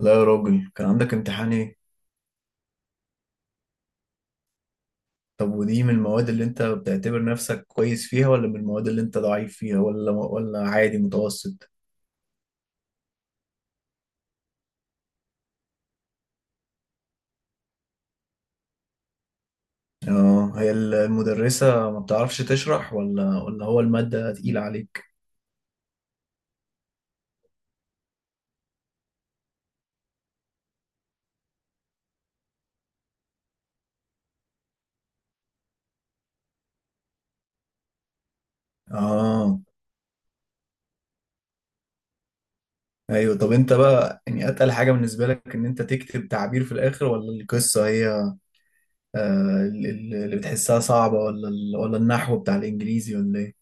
لا يا راجل، كان عندك امتحان ايه؟ طب ودي من المواد اللي انت بتعتبر نفسك كويس فيها ولا من المواد اللي انت ضعيف فيها ولا عادي متوسط؟ اه، هي المدرسة ما بتعرفش تشرح ولا هو المادة تقيلة عليك؟ اه، ايوه. طب انت بقى يعني اتقل حاجة بالنسبة لك ان انت تكتب تعبير في الاخر ولا القصة هي؟ اللي بتحسها صعبة ولا ولا النحو بتاع الانجليزي ولا ايه؟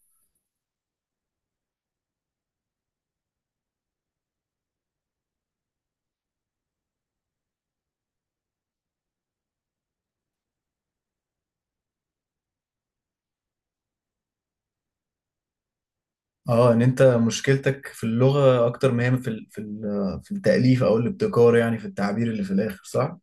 اه، ان انت مشكلتك في اللغة اكتر ما هي في التأليف او الابتكار، يعني في التعبير اللي في الاخر، صح؟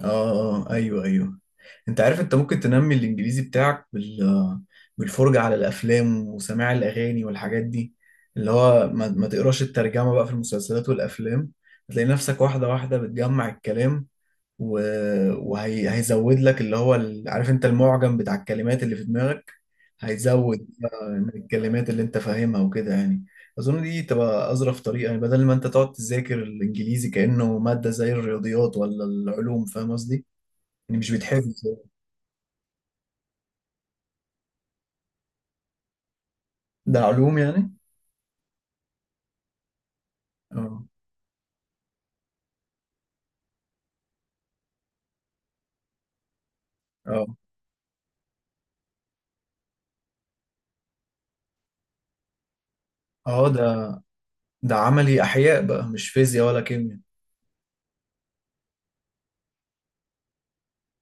اه، اه، ايوه، ايوه. انت عارف انت ممكن تنمي الانجليزي بتاعك بالفرجة على الافلام وسماع الاغاني والحاجات دي. اللي هو ما تقراش الترجمة بقى في المسلسلات والافلام. هتلاقي نفسك واحدة واحدة بتجمع الكلام، وهيزود لك اللي هو عارف انت، المعجم بتاع الكلمات اللي في دماغك، هيزود بقى من الكلمات اللي انت فاهمها وكده يعني. اظن دي تبقى اظرف طريقه، يعني بدل ما انت تقعد تذاكر الانجليزي كانه ماده زي الرياضيات ولا العلوم، فاهم قصدي؟ يعني مش بيتحفظ. ده علوم يعني؟ اه، اه، اه. ده عملي احياء بقى، مش فيزياء ولا كيمياء؟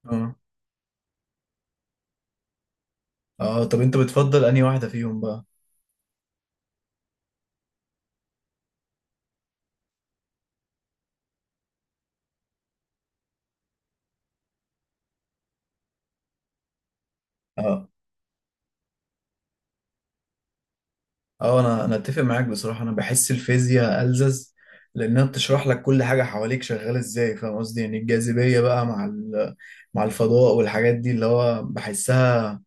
اه، اه، طب انت بتفضل انهي واحده فيهم بقى؟ اه، اه، انا اتفق معاك بصراحه. انا بحس الفيزياء الزز، لانها بتشرح لك كل حاجه حواليك شغاله ازاي، فاهم قصدي؟ يعني الجاذبيه بقى مع الفضاء والحاجات دي اللي هو بحسها،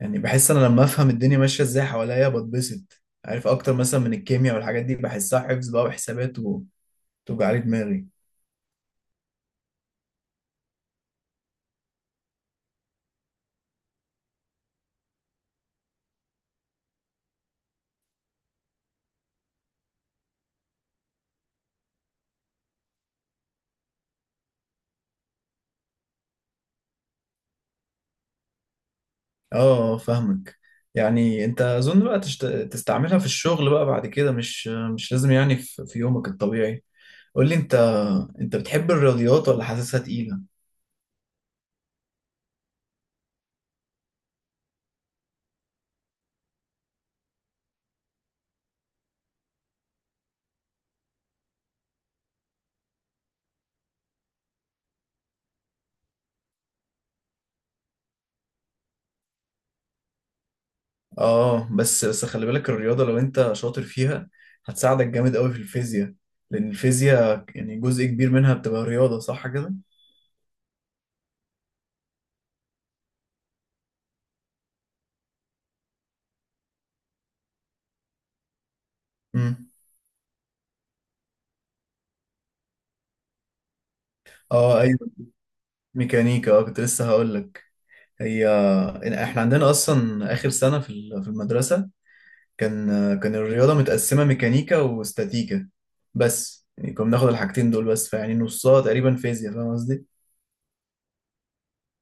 يعني بحس انا لما افهم الدنيا ماشيه ازاي حواليا بتبسط، عارف، اكتر مثلا من الكيمياء والحاجات دي بحسها حفظ بقى وحسابات وتوجع لي دماغي. اه، فاهمك. يعني انت اظن بقى تستعملها في الشغل بقى بعد كده، مش لازم يعني في يومك الطبيعي. قول لي انت، انت بتحب الرياضيات ولا حاسسها تقيلة؟ اه، بس خلي بالك، الرياضة لو انت شاطر فيها هتساعدك جامد قوي في الفيزياء، لأن الفيزياء يعني جزء كبير منها بتبقى رياضة، صح كده؟ امم. اه، ايوه، ميكانيكا. اه، كنت لسه هقول لك. هي احنا عندنا اصلا اخر سنة في المدرسة، كان كان الرياضة متقسمة ميكانيكا واستاتيكا، بس يعني كنا بناخد الحاجتين دول بس، فيعني نصها تقريبا فيزياء، فاهم قصدي؟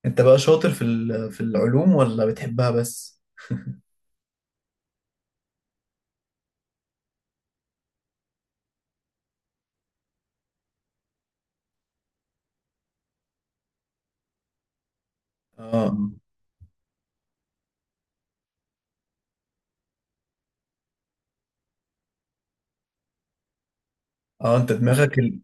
انت بقى شاطر في العلوم ولا بتحبها بس؟ اه، مم. اه، انت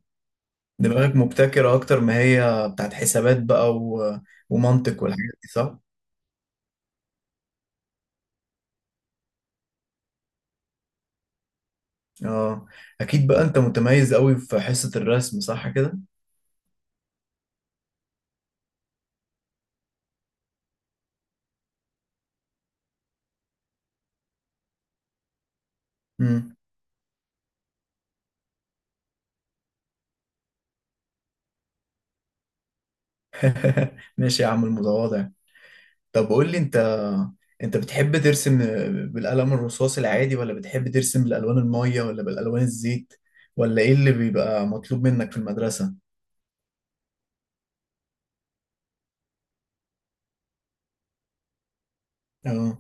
دماغك مبتكرة اكتر ما هي بتاعت حسابات بقى ومنطق والحاجات دي، صح؟ اه، اكيد بقى انت متميز قوي في حصة الرسم، صح كده؟ امم. ماشي يا عم المتواضع. طب قول لي انت، انت بتحب ترسم بالقلم الرصاص العادي، ولا بتحب ترسم بالالوان المية ولا بالالوان الزيت، ولا ايه اللي بيبقى مطلوب منك في المدرسة؟ اه،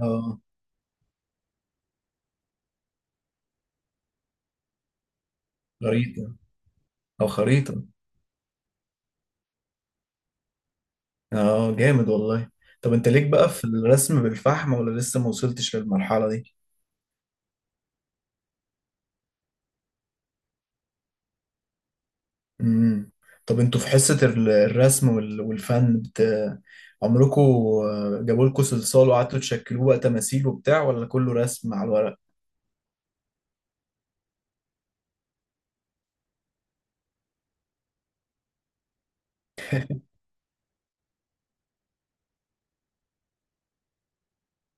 اه، غريب. او خريطة. اه، جامد والله. طب انت ليك بقى في الرسم بالفحم ولا لسه ما وصلتش للمرحلة دي؟ امم. طب انتوا في حصة الرسم والفن عمركوا جابوا لكم صلصال وقعدتوا تشكلوه بقى تماثيل وبتاع، ولا كله رسم على الورق؟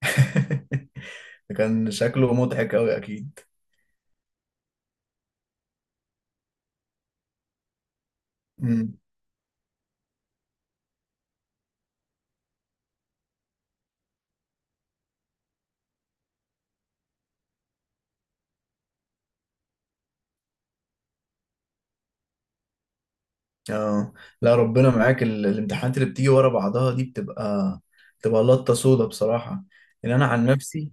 ده كان شكله مضحك قوي، اكيد. امم، اه. لا، ربنا معاك. الامتحانات اللي بتيجي ورا بعضها دي بتبقى لطة سودا بصراحة. يعني انا عن نفسي،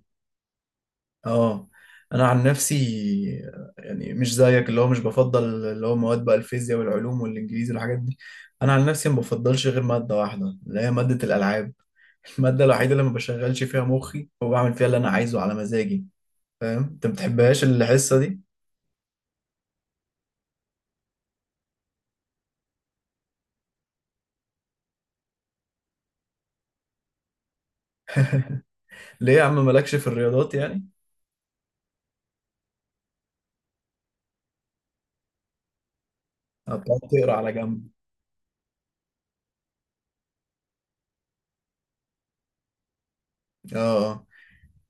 اه، انا عن نفسي، يعني مش زيك اللي هو مش بفضل اللي هو مواد بقى الفيزياء والعلوم والانجليزي والحاجات دي. انا عن نفسي ما بفضلش غير ماده واحده، اللي هي ماده الالعاب. الماده الوحيده اللي ما بشغلش فيها مخي وبعمل فيها اللي انا عايزه على مزاجي. فاهم؟ انت ما بتحبهاش الحصه دي؟ ليه يا عم، مالكش في الرياضات يعني؟ بتقعد تقرا على جنب؟ اه،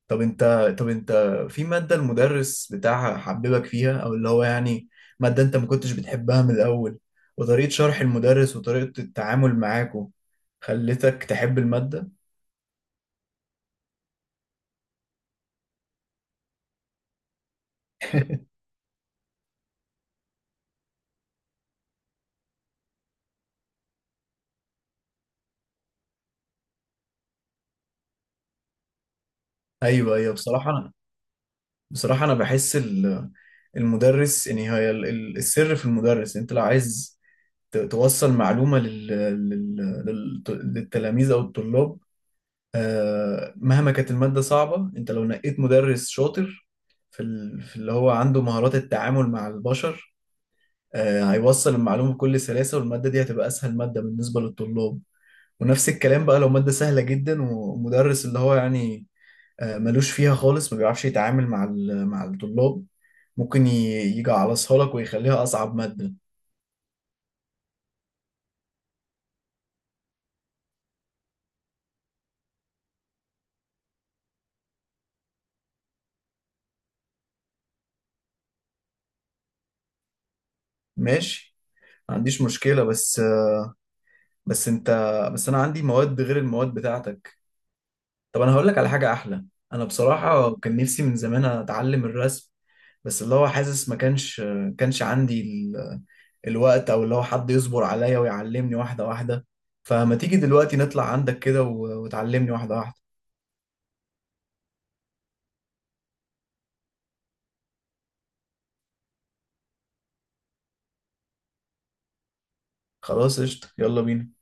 طب انت، في مادة المدرس بتاعها حببك فيها، او اللي هو يعني، مادة انت ما كنتش بتحبها من الاول، وطريقة شرح المدرس وطريقة التعامل معاكو خلتك تحب المادة؟ ايوه، ايوه. بصراحة انا، بحس المدرس، يعني هي السر في المدرس. انت لو عايز توصل معلومة لل... للتلاميذ او الطلاب، مهما كانت المادة صعبة، انت لو نقيت مدرس شاطر في اللي هو عنده مهارات التعامل مع البشر، هيوصل المعلومة بكل سلاسة، والمادة دي هتبقى أسهل مادة بالنسبة للطلاب. ونفس الكلام بقى لو مادة سهلة جدا، ومدرس اللي هو يعني ملوش فيها خالص، ما بيعرفش يتعامل مع مع الطلاب، ممكن يجعلصها لك ويخليها أصعب مادة. ماشي، ما عنديش مشكلة، بس، بس انت بس انا عندي مواد غير المواد بتاعتك. طب انا هقول لك على حاجه احلى. انا بصراحه كان نفسي من زمان اتعلم الرسم، بس اللي هو حاسس ما كانش، كانش عندي الوقت، او اللي هو حد يصبر عليا ويعلمني واحده واحده. فما تيجي دلوقتي نطلع عندك كده وتعلمني واحده واحده. خلاص، قشطه، يلا بينا.